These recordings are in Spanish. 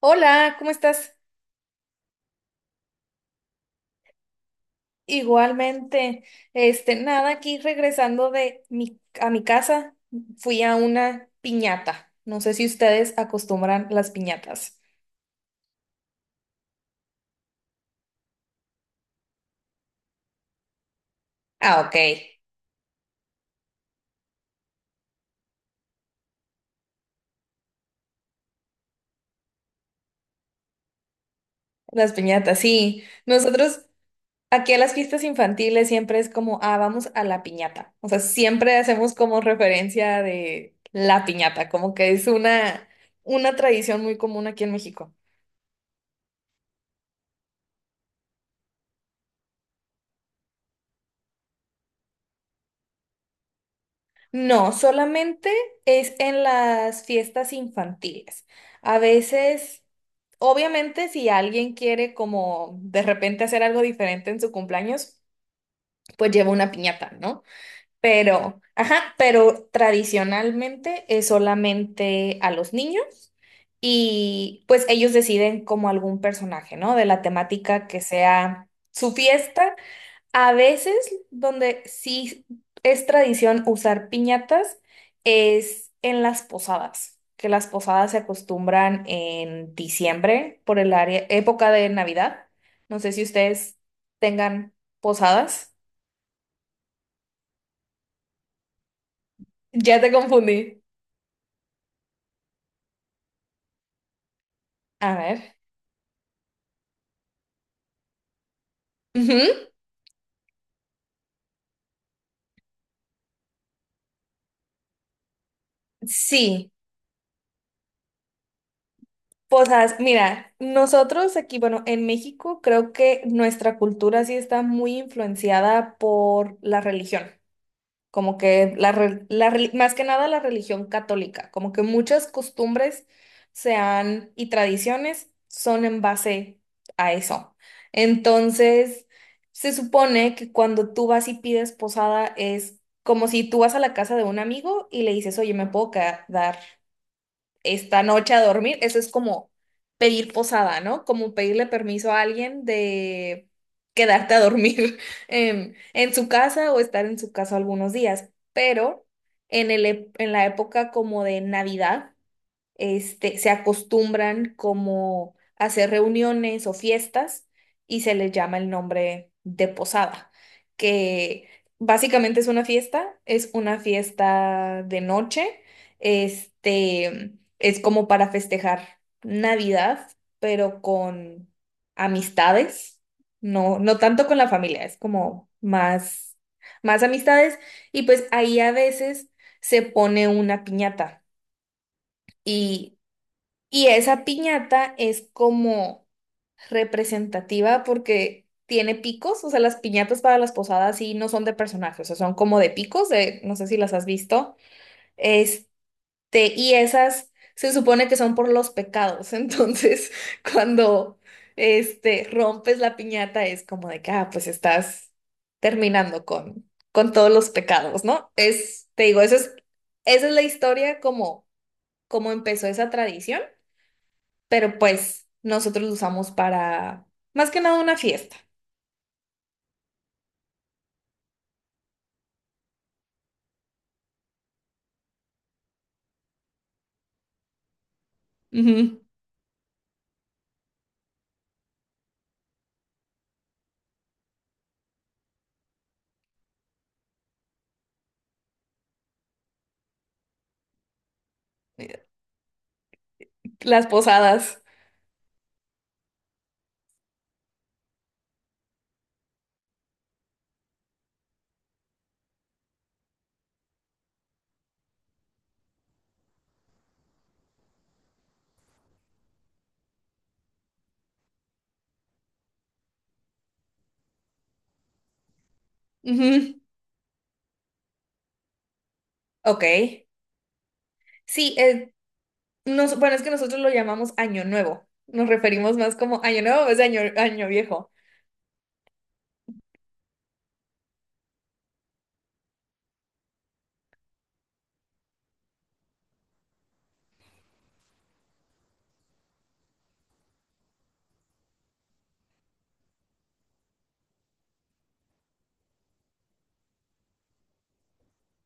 Hola, ¿cómo estás? Igualmente, nada, aquí regresando a mi casa, fui a una piñata. No sé si ustedes acostumbran las piñatas. Ah, ok, las piñatas, sí. Nosotros aquí a las fiestas infantiles siempre es como, ah, vamos a la piñata. O sea, siempre hacemos como referencia de la piñata, como que es una tradición muy común aquí en México. No, solamente es en las fiestas infantiles. A veces, obviamente, si alguien quiere como de repente hacer algo diferente en su cumpleaños, pues lleva una piñata, ¿no? Pero, ajá, pero tradicionalmente es solamente a los niños y pues ellos deciden como algún personaje, ¿no? De la temática que sea su fiesta a veces, donde sí es tradición usar piñatas, es en las posadas, que las posadas se acostumbran en diciembre por el área, época de Navidad. No sé si ustedes tengan posadas. Ya te confundí. A ver. Ujú. Sí, posadas. Mira, nosotros aquí, bueno, en México creo que nuestra cultura sí está muy influenciada por la religión. Como que más que nada la religión católica, como que muchas costumbres se han y tradiciones son en base a eso. Entonces, se supone que cuando tú vas y pides posada es como si tú vas a la casa de un amigo y le dices, oye, ¿me puedo quedar esta noche a dormir? Eso es como pedir posada, ¿no? Como pedirle permiso a alguien de quedarte a dormir en su casa o estar en su casa algunos días, pero en la época como de Navidad, se acostumbran como a hacer reuniones o fiestas y se les llama el nombre de posada, que básicamente es una fiesta de noche, este, es como para festejar Navidad, pero con amistades, no, no tanto con la familia, es como más, más amistades y pues ahí a veces se pone una piñata. Y y esa piñata es como representativa porque tiene picos, o sea, las piñatas para las posadas sí no son de personajes, o sea, son como de picos, de, no sé si las has visto. Este, y esas se supone que son por los pecados, entonces cuando rompes la piñata es como de que, ah, pues estás terminando con todos los pecados, ¿no? Es, te digo, eso es esa es la historia como empezó esa tradición, pero pues nosotros lo usamos para más que nada una fiesta. Ujú. Las posadas. Ujú. Ok. Sí, bueno, es que nosotros lo llamamos año nuevo. Nos referimos más como año nuevo, es año viejo.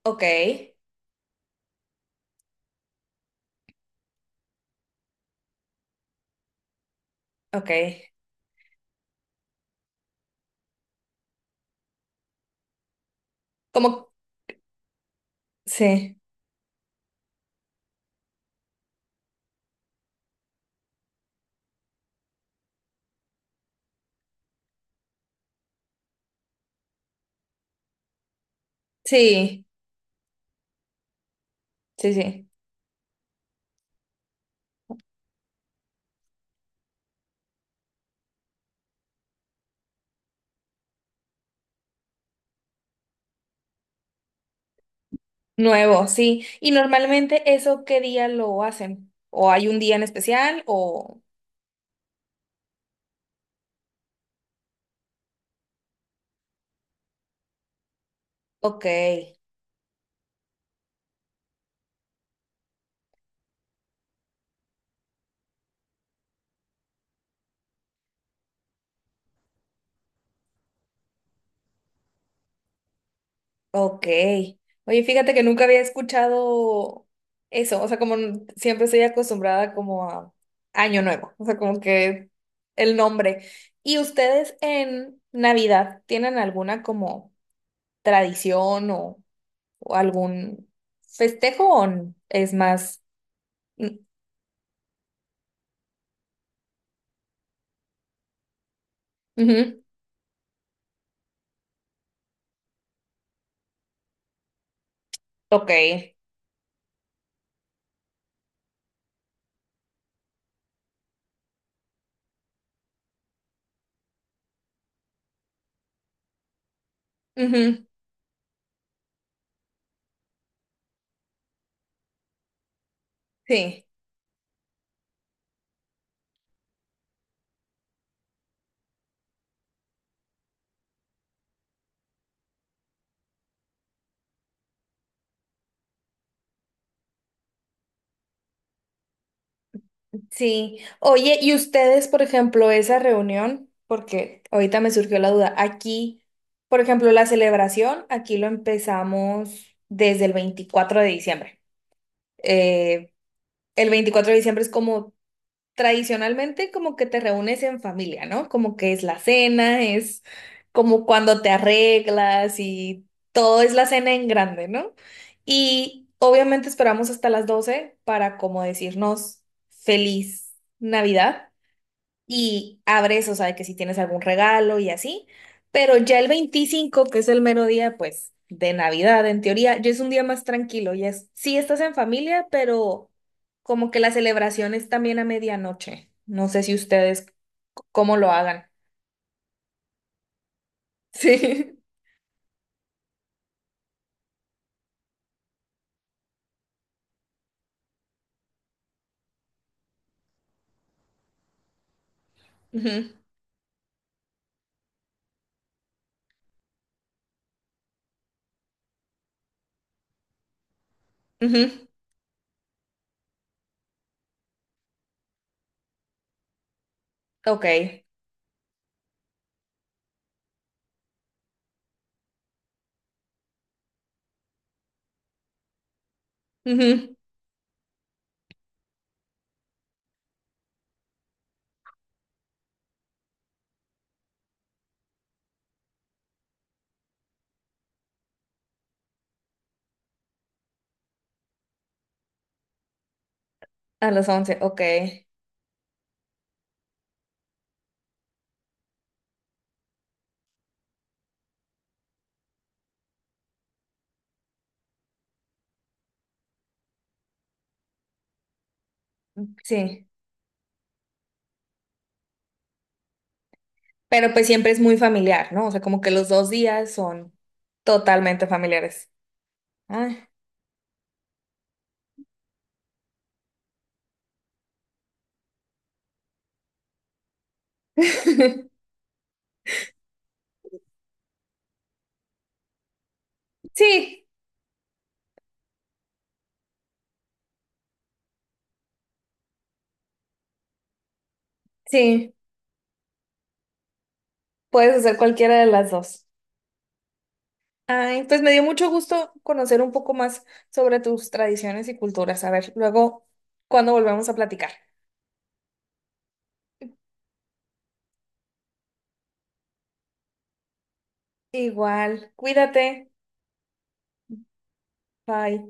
Ok, ok. Como, sí, sí, sí, sí. Nuevo, sí. Y normalmente eso, ¿qué día lo hacen? ¿O hay un día en especial? O, ok. Ok. Oye, fíjate que nunca había escuchado eso. O sea, como siempre estoy acostumbrada como a Año Nuevo. O sea, como que el nombre. ¿Y ustedes en Navidad tienen alguna como tradición o algún festejo o es más? Mm. Ujú. Ok. Ujú. Sí. Sí. Oye, ¿y ustedes, por ejemplo, esa reunión? Porque ahorita me surgió la duda. Aquí, por ejemplo, la celebración, aquí lo empezamos desde el 24 de diciembre. Eh, el 24 de diciembre es como tradicionalmente como que te reúnes en familia, ¿no? Como que es la cena, es como cuando te arreglas y todo es la cena en grande, ¿no? Y obviamente esperamos hasta las 12 para como decirnos feliz Navidad y abres, o sea, de que si tienes algún regalo y así, pero ya el 25, que es el mero día, pues, de Navidad, en teoría, ya es un día más tranquilo, ya es, sí estás en familia, pero como que la celebración es también a medianoche. No sé si ustedes cómo lo hagan. Sí. Ujú, ujú, ok. Ujú. A las 11, ok. Sí. Pero pues siempre es muy familiar, ¿no? O sea, como que los dos días son totalmente familiares. Ah. Sí, sí, puedes hacer cualquiera de las dos. Ay, pues me dio mucho gusto conocer un poco más sobre tus tradiciones y culturas. A ver, luego, cuando volvemos a platicar. Igual, cuídate. Bye.